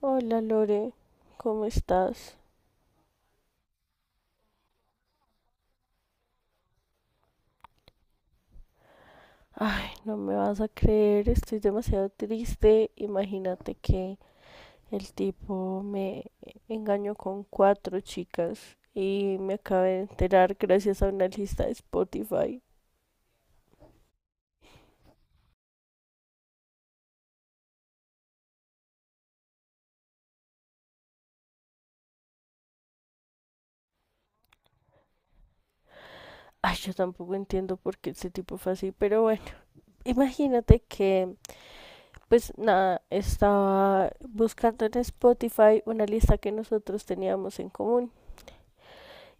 Hola Lore, ¿cómo estás? Ay, no me vas a creer, estoy demasiado triste. Imagínate que el tipo me engañó con cuatro chicas y me acabé de enterar gracias a una lista de Spotify. Ay, yo tampoco entiendo por qué ese tipo fue así, pero bueno, imagínate que, pues nada, estaba buscando en Spotify una lista que nosotros teníamos en común.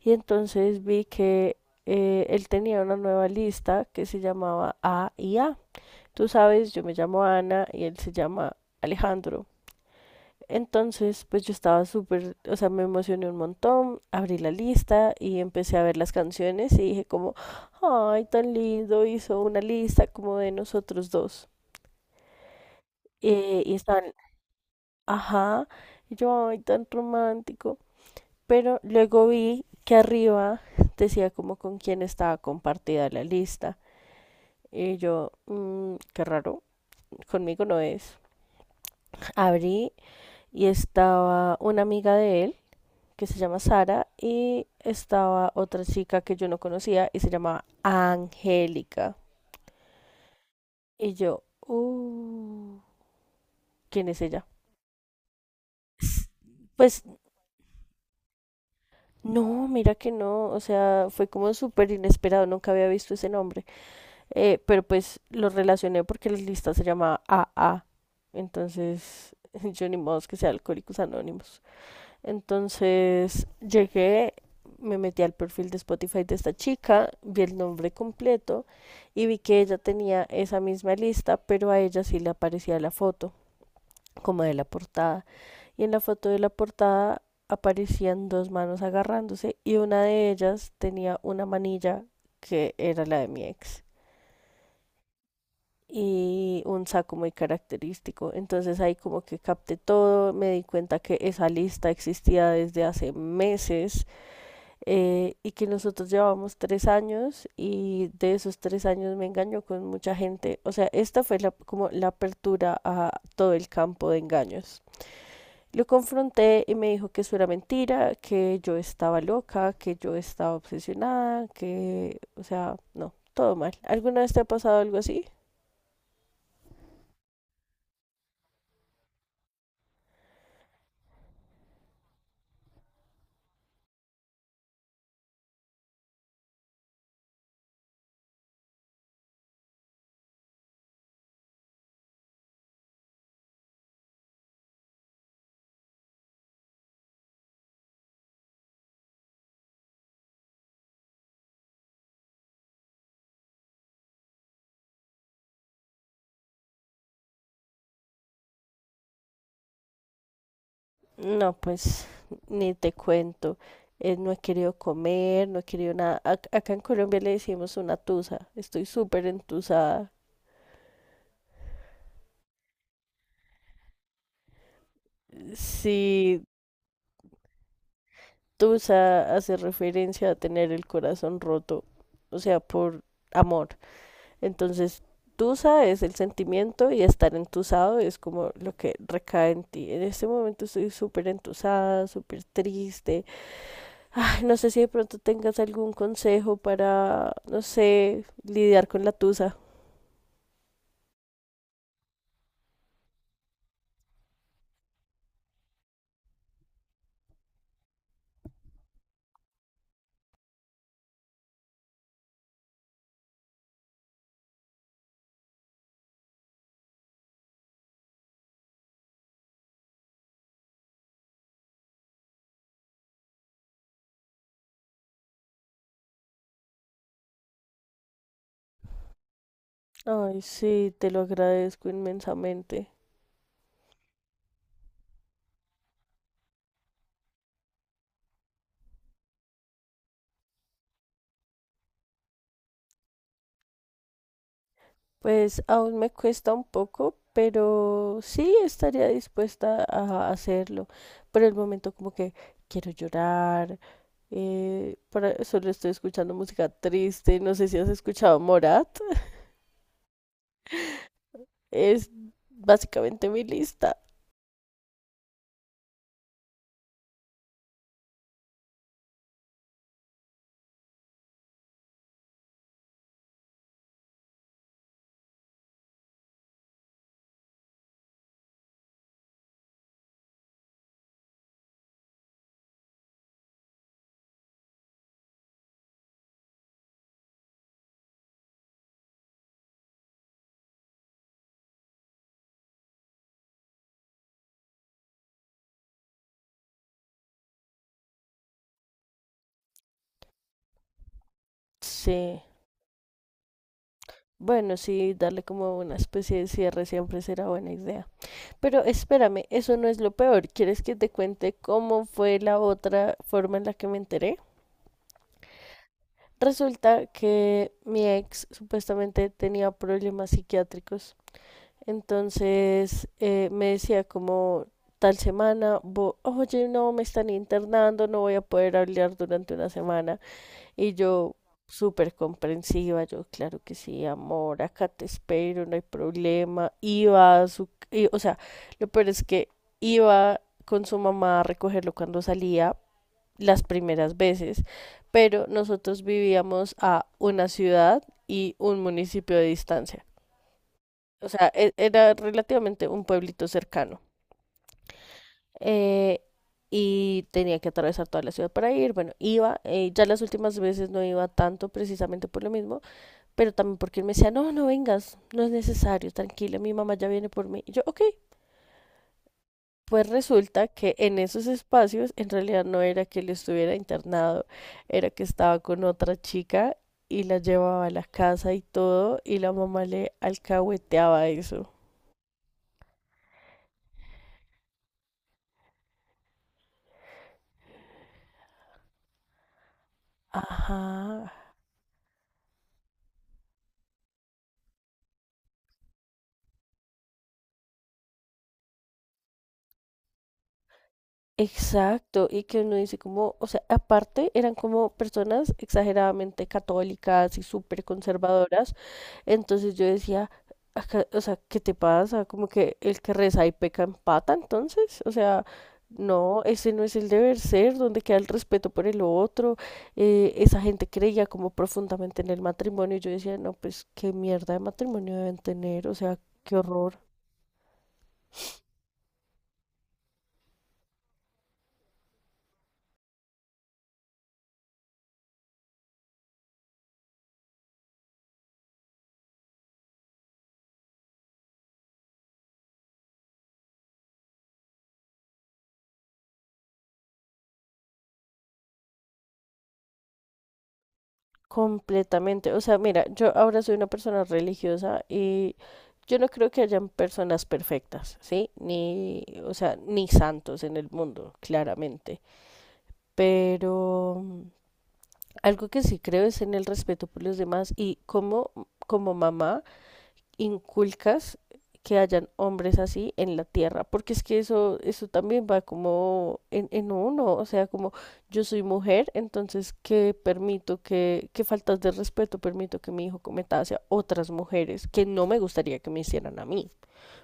Y entonces vi que él tenía una nueva lista que se llamaba A y A. Tú sabes, yo me llamo Ana y él se llama Alejandro. Entonces, pues yo estaba súper, o sea, me emocioné un montón, abrí la lista y empecé a ver las canciones y dije como, ay, tan lindo, hizo una lista como de nosotros dos. Y estaban, ajá, y yo, ay, tan romántico. Pero luego vi que arriba decía como con quién estaba compartida la lista. Y yo, "Mm, qué raro, conmigo no es. Abrí y estaba una amiga de él que se llama Sara y estaba otra chica que yo no conocía y se llamaba Angélica. Y yo, ¿quién es ella? Pues no, mira que no, o sea, fue como súper inesperado, nunca había visto ese nombre. Pero pues lo relacioné porque la lista se llama AA. Entonces, yo ni modo que sea Alcohólicos Anónimos. Entonces, llegué, me metí al perfil de Spotify de esta chica, vi el nombre completo y vi que ella tenía esa misma lista, pero a ella sí le aparecía la foto, como de la portada. Y en la foto de la portada aparecían dos manos agarrándose y una de ellas tenía una manilla que era la de mi ex y un saco muy característico. Entonces ahí como que capté todo, me di cuenta que esa lista existía desde hace meses, y que nosotros llevábamos 3 años y de esos 3 años me engañó con mucha gente. O sea, esta fue como la apertura a todo el campo de engaños. Lo confronté y me dijo que eso era mentira, que yo estaba loca, que yo estaba obsesionada, que, o sea, no, todo mal. ¿Alguna vez te ha pasado algo así? No, pues ni te cuento. No he querido comer, no he querido nada. Acá en Colombia le decimos una tusa. Estoy súper entusada. Sí, tusa hace referencia a tener el corazón roto, o sea, por amor. Entonces, tusa es el sentimiento y estar entusado es como lo que recae en ti. En este momento estoy súper entusada, súper triste. No sé si de pronto tengas algún consejo para, no sé, lidiar con la tusa. Ay, sí, te lo agradezco inmensamente. Pues aún me cuesta un poco, pero sí estaría dispuesta a hacerlo. Por el momento como que quiero llorar, solo estoy escuchando música triste, no sé si has escuchado Morat, es básicamente mi lista. Sí, bueno, sí, darle como una especie de cierre siempre será buena idea. Pero espérame, eso no es lo peor. ¿Quieres que te cuente cómo fue la otra forma en la que me enteré? Resulta que mi ex supuestamente tenía problemas psiquiátricos. Entonces me decía como tal semana, oye, no, me están internando, no voy a poder hablar durante una semana. Y yo, súper comprensiva, yo, claro que sí, amor, acá te espero, no hay problema. Y, o sea, lo peor es que iba con su mamá a recogerlo cuando salía las primeras veces, pero nosotros vivíamos a una ciudad y un municipio de distancia. O sea, era relativamente un pueblito cercano. Eh, y tenía que atravesar toda la ciudad para ir. Bueno, ya las últimas veces no iba tanto precisamente por lo mismo, pero también porque él me decía, no, no vengas, no es necesario, tranquila, mi mamá ya viene por mí. Y yo, ok. Pues resulta que en esos espacios en realidad no era que él estuviera internado, era que estaba con otra chica y la llevaba a la casa y todo, y la mamá le alcahueteaba eso. Ajá. Exacto, y que uno dice como, o sea, aparte eran como personas exageradamente católicas y súper conservadoras. Entonces yo decía, o sea, ¿qué te pasa? Como que el que reza y peca empata, entonces, o sea, no, ese no es el deber ser, donde queda el respeto por el otro. Esa gente creía como profundamente en el matrimonio. Y yo decía, no, pues qué mierda de matrimonio deben tener, o sea, qué horror. Completamente. O sea, mira, yo ahora soy una persona religiosa y yo no creo que hayan personas perfectas, ¿sí? Ni, o sea, ni santos en el mundo, claramente. Pero algo que sí creo es en el respeto por los demás y cómo como mamá inculcas que hayan hombres así en la tierra, porque es que eso también va como en, uno, o sea, como yo soy mujer, entonces qué permito que, qué faltas de respeto permito que mi hijo cometa hacia otras mujeres que no me gustaría que me hicieran a mí,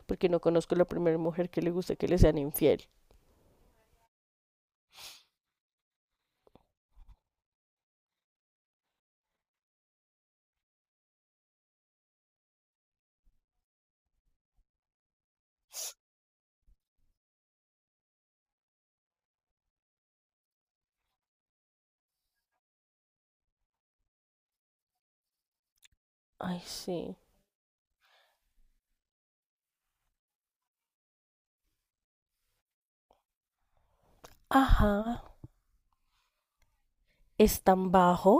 porque no conozco la primera mujer que le guste que le sean infiel. Ay, sí. Ajá. ¿Es tan bajo?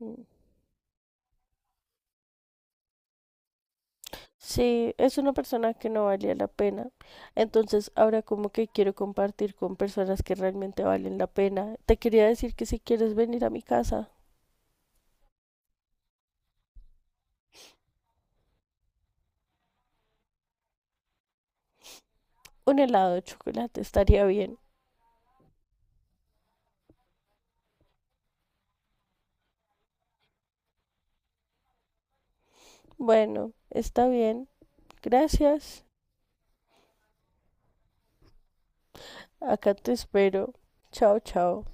Mm. Sí, es una persona que no valía la pena. Entonces, ahora como que quiero compartir con personas que realmente valen la pena. Te quería decir que si quieres venir a mi casa, un helado de chocolate estaría bien. Bueno, está bien. Gracias. Acá te espero. Chao, chao.